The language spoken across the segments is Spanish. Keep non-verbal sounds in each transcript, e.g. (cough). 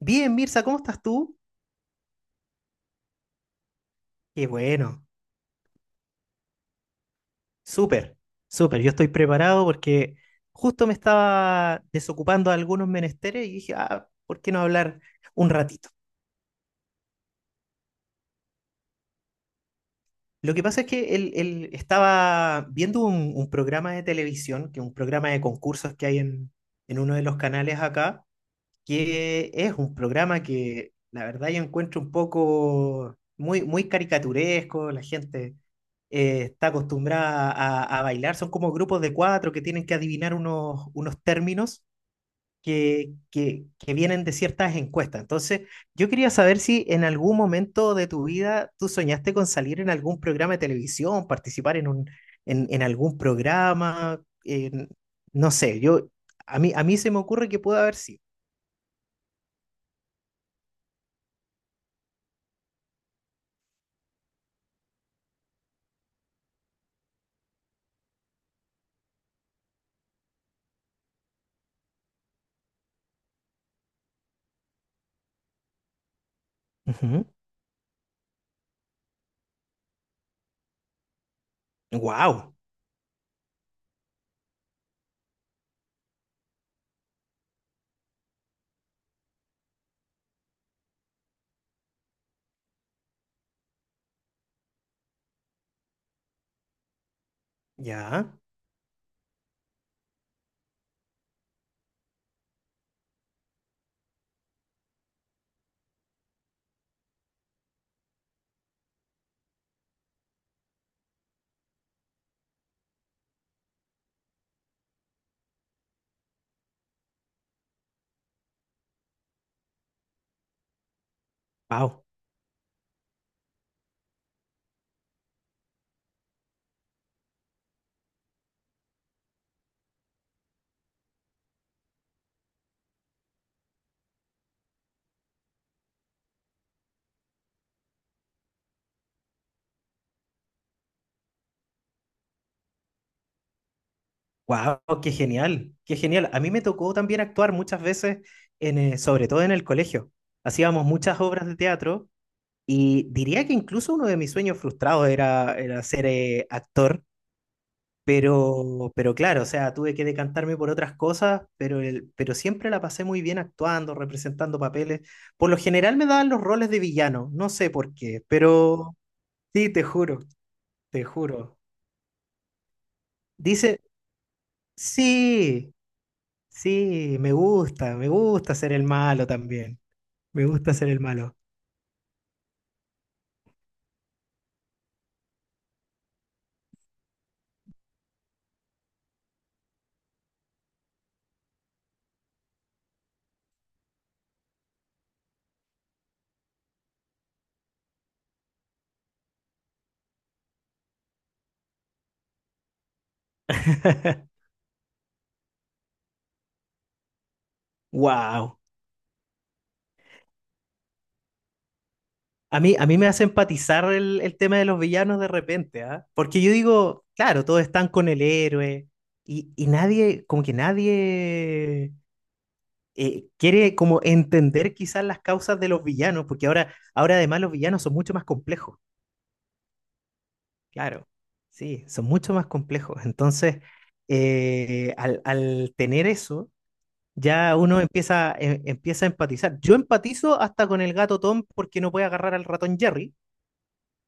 Bien, Mirza, ¿cómo estás tú? Qué bueno, súper, súper. Yo estoy preparado porque justo me estaba desocupando de algunos menesteres y dije, ah, ¿por qué no hablar un ratito? Lo que pasa es que él estaba viendo un programa de televisión, que es un programa de concursos que hay en uno de los canales acá, que es un programa que la verdad yo encuentro un poco muy caricaturesco, la gente está acostumbrada a bailar, son como grupos de cuatro que tienen que adivinar unos términos que vienen de ciertas encuestas. Entonces, yo quería saber si en algún momento de tu vida tú soñaste con salir en algún programa de televisión, participar en un, en algún programa, no sé, yo, a mí se me ocurre que puede haber sido. Wow, ya, wow, wow, qué genial, qué genial. A mí me tocó también actuar muchas veces, en, sobre todo en el colegio. Hacíamos muchas obras de teatro y diría que incluso uno de mis sueños frustrados era ser actor, pero claro, o sea, tuve que decantarme por otras cosas, pero, pero siempre la pasé muy bien actuando, representando papeles. Por lo general me daban los roles de villano, no sé por qué, pero sí, te juro, te juro. Dice, sí. Sí, me gusta ser el malo también. Me gusta ser el malo. (laughs) Wow. A mí me hace empatizar el tema de los villanos de repente, ¿ah? Porque yo digo, claro, todos están con el héroe y nadie, como que nadie quiere como entender quizás las causas de los villanos, porque ahora además los villanos son mucho más complejos, claro, sí, son mucho más complejos. Entonces, al tener eso ya uno empieza, empieza a empatizar. Yo empatizo hasta con el gato Tom porque no puede agarrar al ratón Jerry.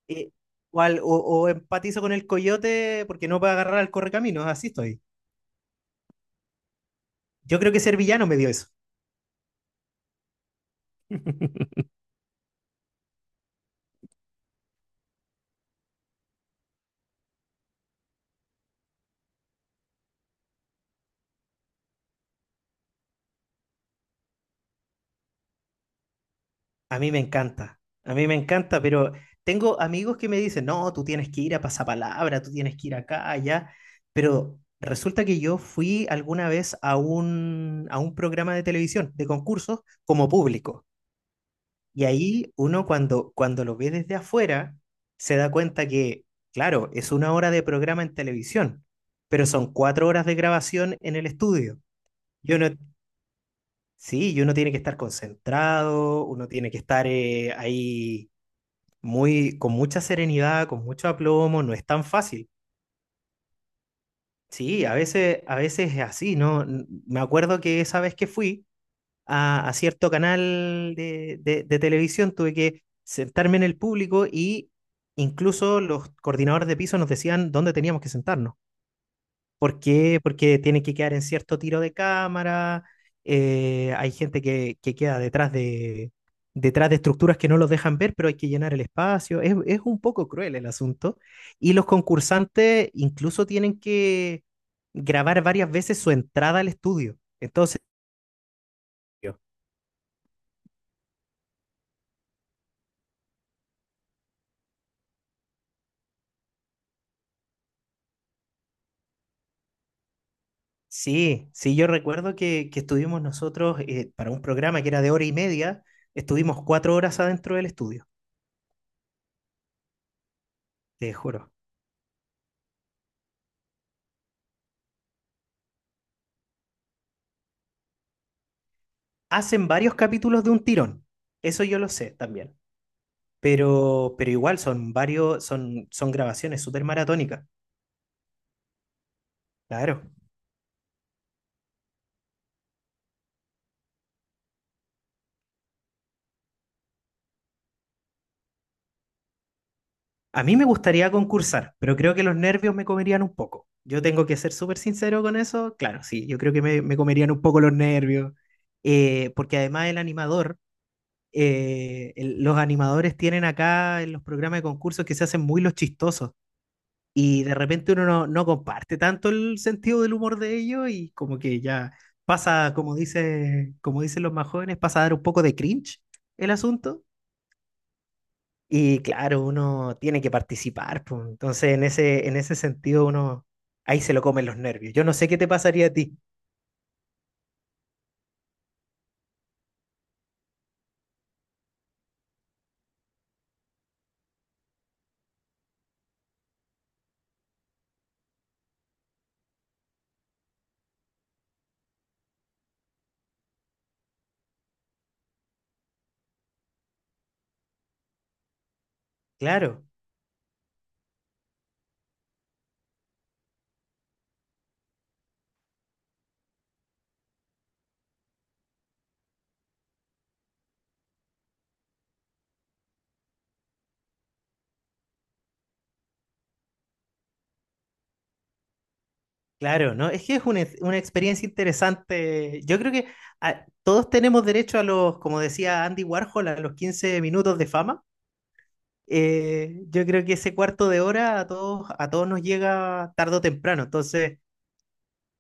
eh, o, o empatizo con el coyote porque no puede agarrar al correcaminos. Así estoy. Yo creo que ser villano me dio eso. (laughs) A mí me encanta. A mí me encanta, pero tengo amigos que me dicen, no, tú tienes que ir a Pasapalabra, tú tienes que ir acá, allá. Pero resulta que yo fui alguna vez a un programa de televisión, de concursos, como público. Y ahí uno cuando, cuando lo ve desde afuera, se da cuenta que, claro, es una hora de programa en televisión, pero son cuatro horas de grabación en el estudio. Y uno, sí, y uno tiene que estar concentrado, uno tiene que estar ahí muy, con mucha serenidad, con mucho aplomo, no es tan fácil. Sí, a veces es así, ¿no? Me acuerdo que esa vez que fui, a cierto canal de televisión, tuve que sentarme en el público y incluso los coordinadores de piso nos decían dónde teníamos que sentarnos. ¿Por qué? Porque tienen que quedar en cierto tiro de cámara, hay gente que queda detrás de estructuras que no los dejan ver, pero hay que llenar el espacio. Es un poco cruel el asunto. Y los concursantes incluso tienen que grabar varias veces su entrada al estudio. Entonces, sí, sí, yo recuerdo que estuvimos nosotros para un programa que era de hora y media, estuvimos cuatro horas adentro del estudio, te juro. Hacen varios capítulos de un tirón, eso yo lo sé también, pero igual son varios, son, son grabaciones súper maratónicas, claro. A mí me gustaría concursar, pero creo que los nervios me comerían un poco. Yo tengo que ser súper sincero con eso, claro, sí, yo creo que me comerían un poco los nervios, porque además el animador los animadores tienen acá en los programas de concursos que se hacen muy los chistosos y de repente uno no, no comparte tanto el sentido del humor de ellos y como que ya pasa, como dice, como dicen los más jóvenes, pasa a dar un poco de cringe el asunto y claro, uno tiene que participar, pues, entonces en ese sentido uno ahí se lo comen los nervios. Yo no sé qué te pasaría a ti, claro. Claro, ¿no? Es que es una, una experiencia interesante. Yo creo que todos tenemos derecho a los, como decía Andy Warhol, a los 15 minutos de fama. Yo creo que ese cuarto de hora a todos nos llega tarde o temprano. Entonces,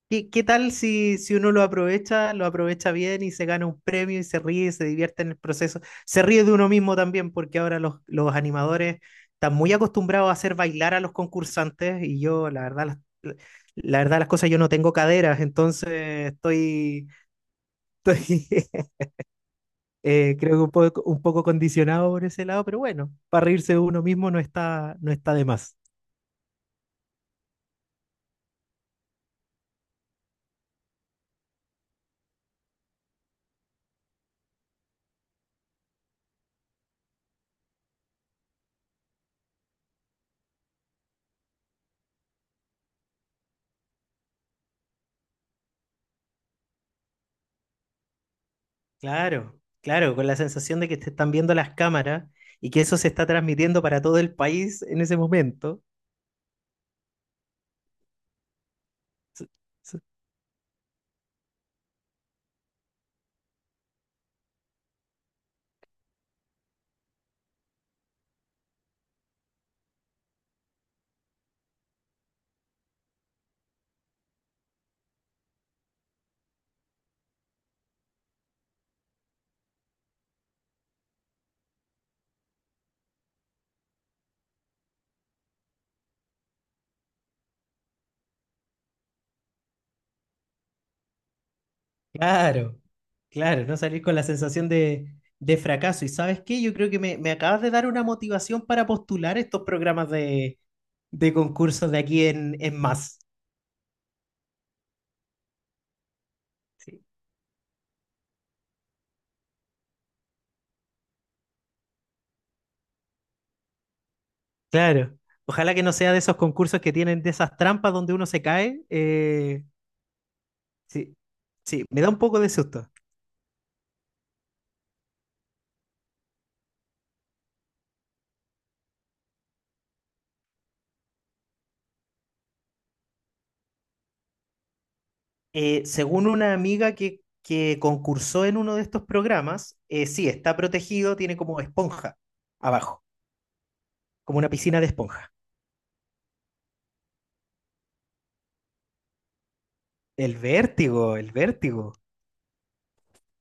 ¿qué, qué tal si, si uno lo aprovecha bien y se gana un premio y se ríe y se divierte en el proceso? Se ríe de uno mismo también porque ahora los animadores están muy acostumbrados a hacer bailar a los concursantes y yo, la verdad, la, la verdad las cosas, yo no tengo caderas, entonces estoy, estoy (laughs) creo que un poco condicionado por ese lado, pero bueno, para reírse de uno mismo no está, no está de más. Claro, claro, con la sensación de que te están viendo las cámaras y que eso se está transmitiendo para todo el país en ese momento. S- s- Claro, claro, no salir con la sensación de fracaso. ¿Y sabes qué? Yo creo que me acabas de dar una motivación para postular estos programas de concursos de aquí en Más. Sí, claro, ojalá que no sea de esos concursos que tienen de esas trampas donde uno se cae. Eh, sí, sí, me da un poco de susto. Según una amiga que concursó en uno de estos programas, sí, está protegido, tiene como esponja abajo, como una piscina de esponja. El vértigo,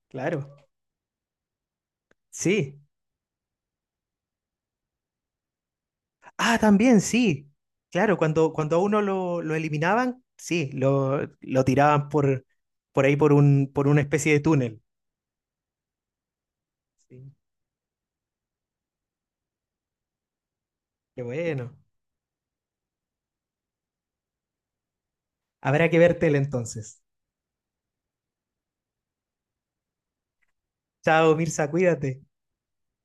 claro, sí. Ah, también, sí, claro, cuando, cuando a uno lo eliminaban, sí, lo tiraban por ahí por un, por una especie de túnel. Sí, qué bueno. Habrá que ver tele entonces. Chao, Mirza, cuídate.